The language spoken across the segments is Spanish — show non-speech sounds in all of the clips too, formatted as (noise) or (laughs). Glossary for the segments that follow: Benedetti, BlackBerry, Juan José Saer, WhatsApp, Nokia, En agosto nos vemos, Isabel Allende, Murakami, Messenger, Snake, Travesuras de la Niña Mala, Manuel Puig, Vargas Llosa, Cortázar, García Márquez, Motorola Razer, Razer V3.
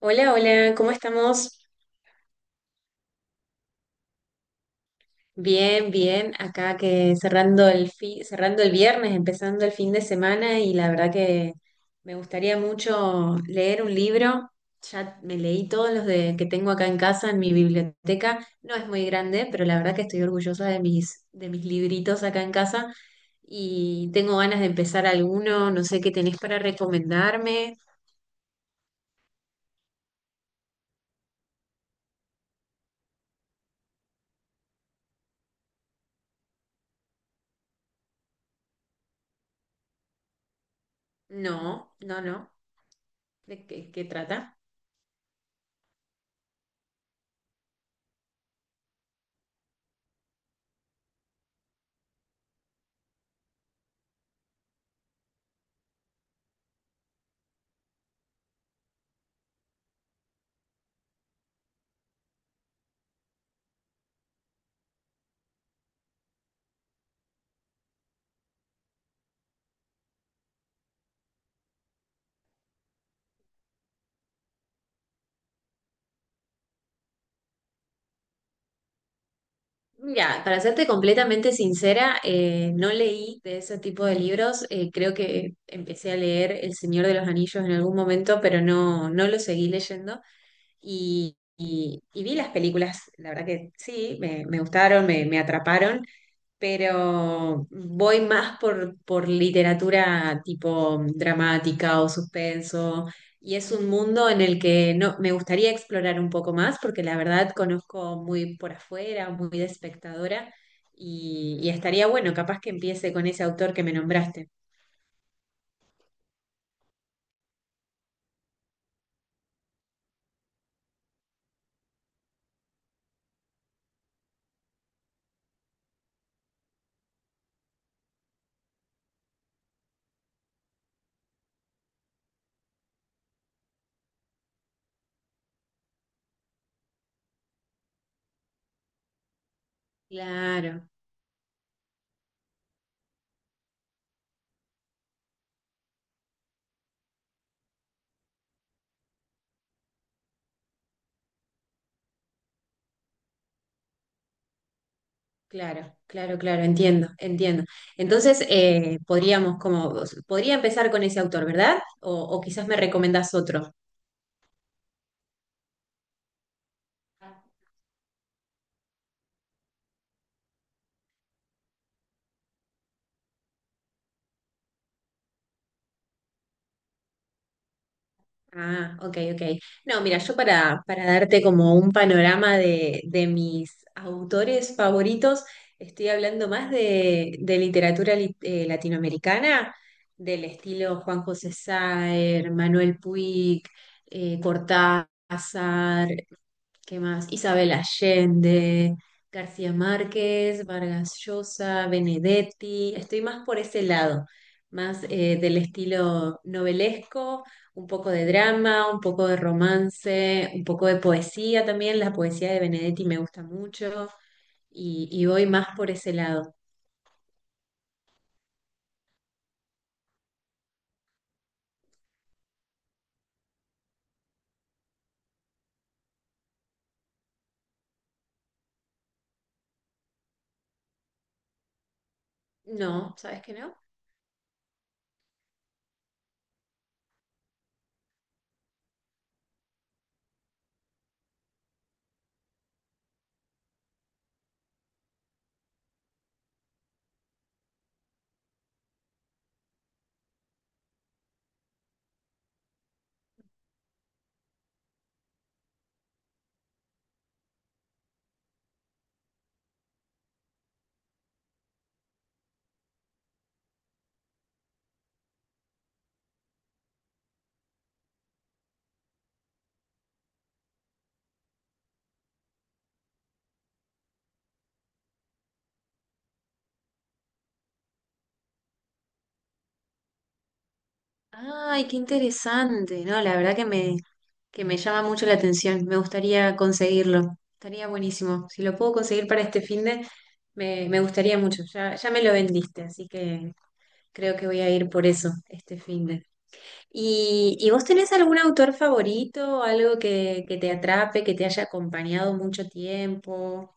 Hola, hola, ¿cómo estamos? Bien, bien, acá que cerrando el cerrando el viernes, empezando el fin de semana y la verdad que me gustaría mucho leer un libro. Ya me leí todos los de que tengo acá en casa en mi biblioteca. No es muy grande, pero la verdad que estoy orgullosa de mis libritos acá en casa y tengo ganas de empezar alguno, no sé qué tenés para recomendarme. No, no, no. ¿De qué, qué trata? Mira, para serte completamente sincera, no leí de ese tipo de libros. Creo que empecé a leer El Señor de los Anillos en algún momento, pero no, no lo seguí leyendo. Y vi las películas, la verdad que sí, me gustaron, me atraparon, pero voy más por literatura tipo dramática o suspenso, y es un mundo en el que no, me gustaría explorar un poco más, porque la verdad conozco muy por afuera, muy de espectadora, y estaría bueno, capaz que empiece con ese autor que me nombraste. Claro, claro, claro, claro, entiendo, entiendo. Entonces, podría empezar con ese autor, ¿verdad? O quizás me recomendás otro. Ah, ok, ok. No, mira, yo para darte como un panorama de mis autores favoritos, estoy hablando más de literatura latinoamericana, del estilo Juan José Saer, Manuel Puig, Cortázar. ¿Qué más? Isabel Allende, García Márquez, Vargas Llosa, Benedetti. Estoy más por ese lado, más del estilo novelesco, un poco de drama, un poco de romance, un poco de poesía también. La poesía de Benedetti me gusta mucho y voy más por ese lado. No, ¿sabes qué? No. Ay, qué interesante. No, la verdad que que me llama mucho la atención. Me gustaría conseguirlo. Estaría buenísimo. Si lo puedo conseguir para este fin. Me gustaría mucho, ya, ya me lo vendiste, así que creo que voy a ir por eso este fin de. ¿Y, vos tenés algún autor favorito, algo que te atrape, que te haya acompañado mucho tiempo?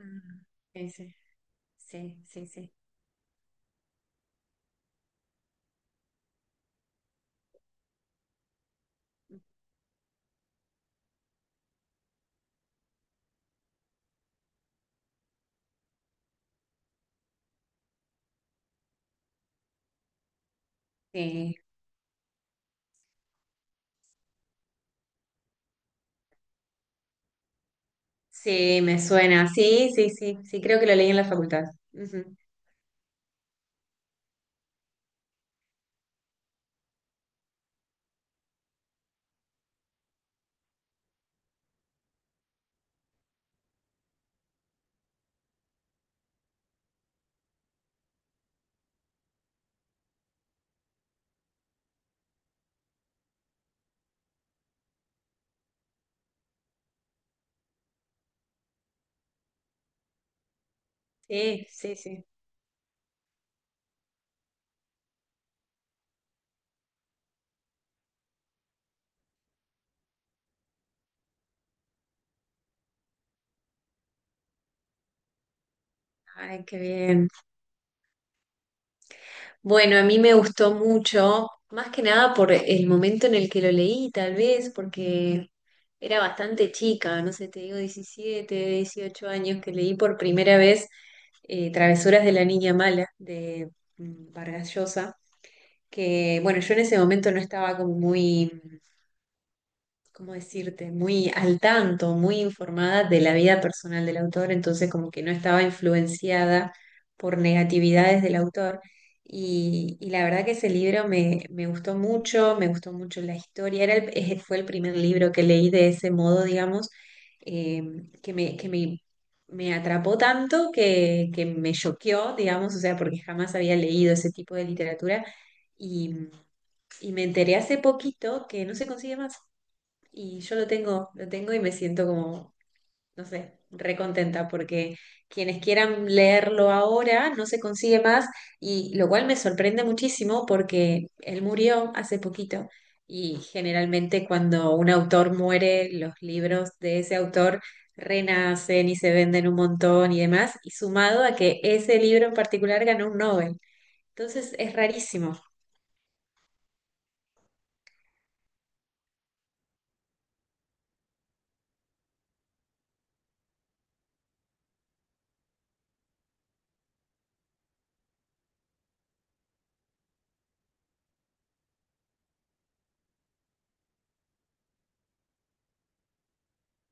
Ah, ese. Sí, sí, sí. Sí, sí, me suena. Sí, sí, sí, sí, creo que lo leí en la facultad. Ujú. Sí, sí, sí. Ay, qué bien. Bueno, a mí me gustó mucho, más que nada por el momento en el que lo leí, tal vez, porque era bastante chica, no sé, te digo 17, 18 años, que leí por primera vez Travesuras de la Niña Mala de Vargas Llosa, que bueno, yo en ese momento no estaba como muy... ¿Cómo decirte? Muy al tanto, muy informada de la vida personal del autor, entonces como que no estaba influenciada por negatividades del autor. Y la verdad que ese libro me gustó mucho la historia, era fue el primer libro que leí de ese modo, digamos, eh, que me, que me, me atrapó tanto que me choqueó, digamos, o sea, porque jamás había leído ese tipo de literatura y, y me enteré hace poquito que no se consigue más. Y yo lo tengo y me siento como, no sé, recontenta porque quienes quieran leerlo ahora no se consigue más y lo cual me sorprende muchísimo porque él murió hace poquito y generalmente cuando un autor muere, los libros de ese autor renacen y se venden un montón y demás, y sumado a que ese libro en particular ganó un Nobel. Entonces es rarísimo.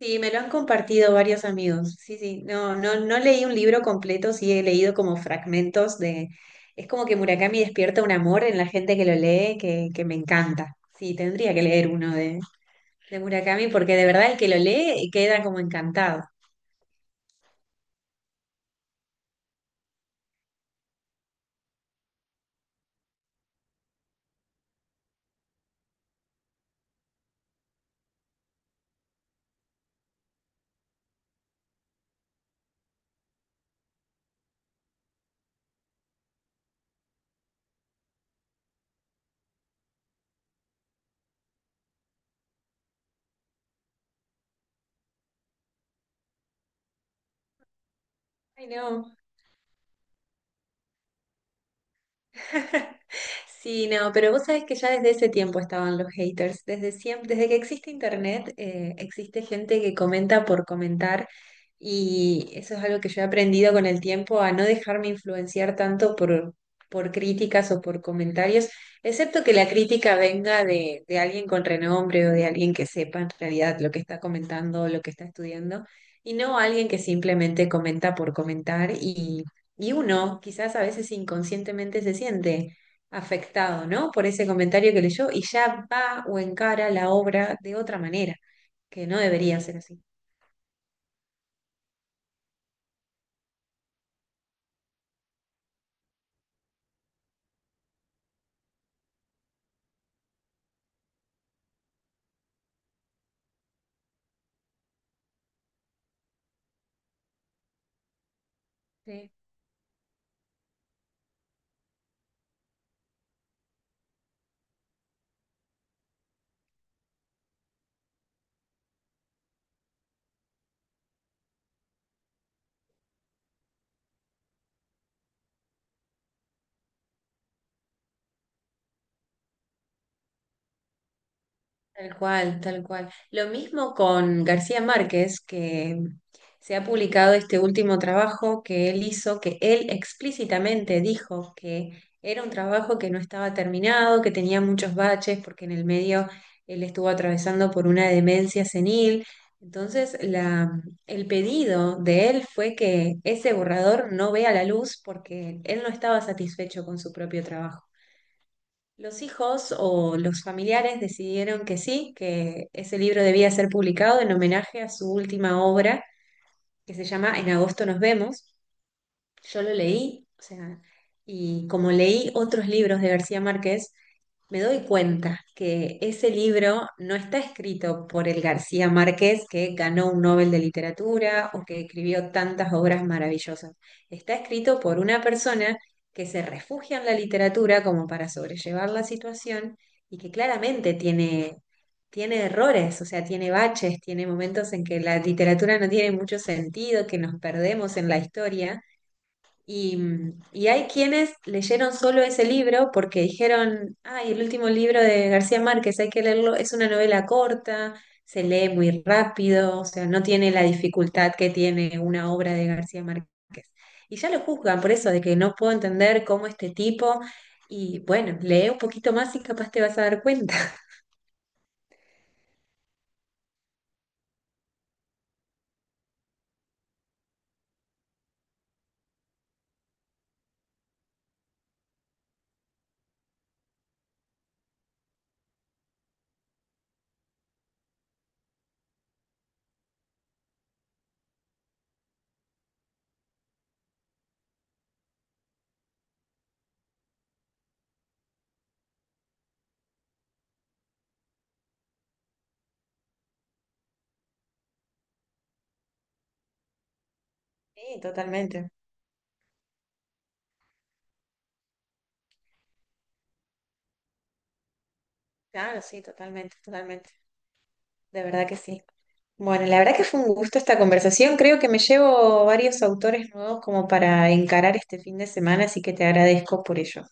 Sí, me lo han compartido varios amigos. Sí, sí, no, no, no leí un libro completo, sí he leído como fragmentos de... Es como que Murakami despierta un amor en la gente que lo lee que me encanta. Sí, tendría que leer uno de Murakami porque de verdad el que lo lee queda como encantado. Ay, no. (laughs) Sí, no, pero vos sabés que ya desde ese tiempo estaban los haters. Desde siempre, desde que existe internet, existe gente que comenta por comentar y eso es algo que yo he aprendido con el tiempo a no dejarme influenciar tanto por críticas o por comentarios, excepto que la crítica venga de alguien con renombre o de alguien que sepa en realidad lo que está comentando, lo que está estudiando, y no alguien que simplemente comenta por comentar y uno quizás a veces inconscientemente se siente afectado, ¿no? Por ese comentario que leyó y ya va o encara la obra de otra manera, que no debería ser así. Sí. Tal cual, tal cual. Lo mismo con García Márquez, que se ha publicado este último trabajo que él hizo, que él explícitamente dijo que era un trabajo que no estaba terminado, que tenía muchos baches, porque en el medio él estuvo atravesando por una demencia senil. Entonces, el pedido de él fue que ese borrador no vea la luz porque él no estaba satisfecho con su propio trabajo. Los hijos o los familiares decidieron que sí, que ese libro debía ser publicado en homenaje a su última obra, que se llama En agosto nos vemos. Yo lo leí, o sea, y como leí otros libros de García Márquez, me doy cuenta que ese libro no está escrito por el García Márquez que ganó un Nobel de Literatura o que escribió tantas obras maravillosas. Está escrito por una persona que se refugia en la literatura como para sobrellevar la situación y que claramente tiene errores, o sea, tiene baches, tiene momentos en que la literatura no tiene mucho sentido, que nos perdemos en la historia y, y hay quienes leyeron solo ese libro porque dijeron, ay, el último libro de García Márquez, hay que leerlo, es una novela corta, se lee muy rápido, o sea, no tiene la dificultad que tiene una obra de García Márquez. Y ya lo juzgan por eso, de que no puedo entender cómo este tipo, y bueno, lee un poquito más y capaz te vas a dar cuenta. Sí, totalmente. Claro, sí, totalmente, totalmente. De verdad que sí. Bueno, la verdad que fue un gusto esta conversación. Creo que me llevo varios autores nuevos como para encarar este fin de semana, así que te agradezco por ello.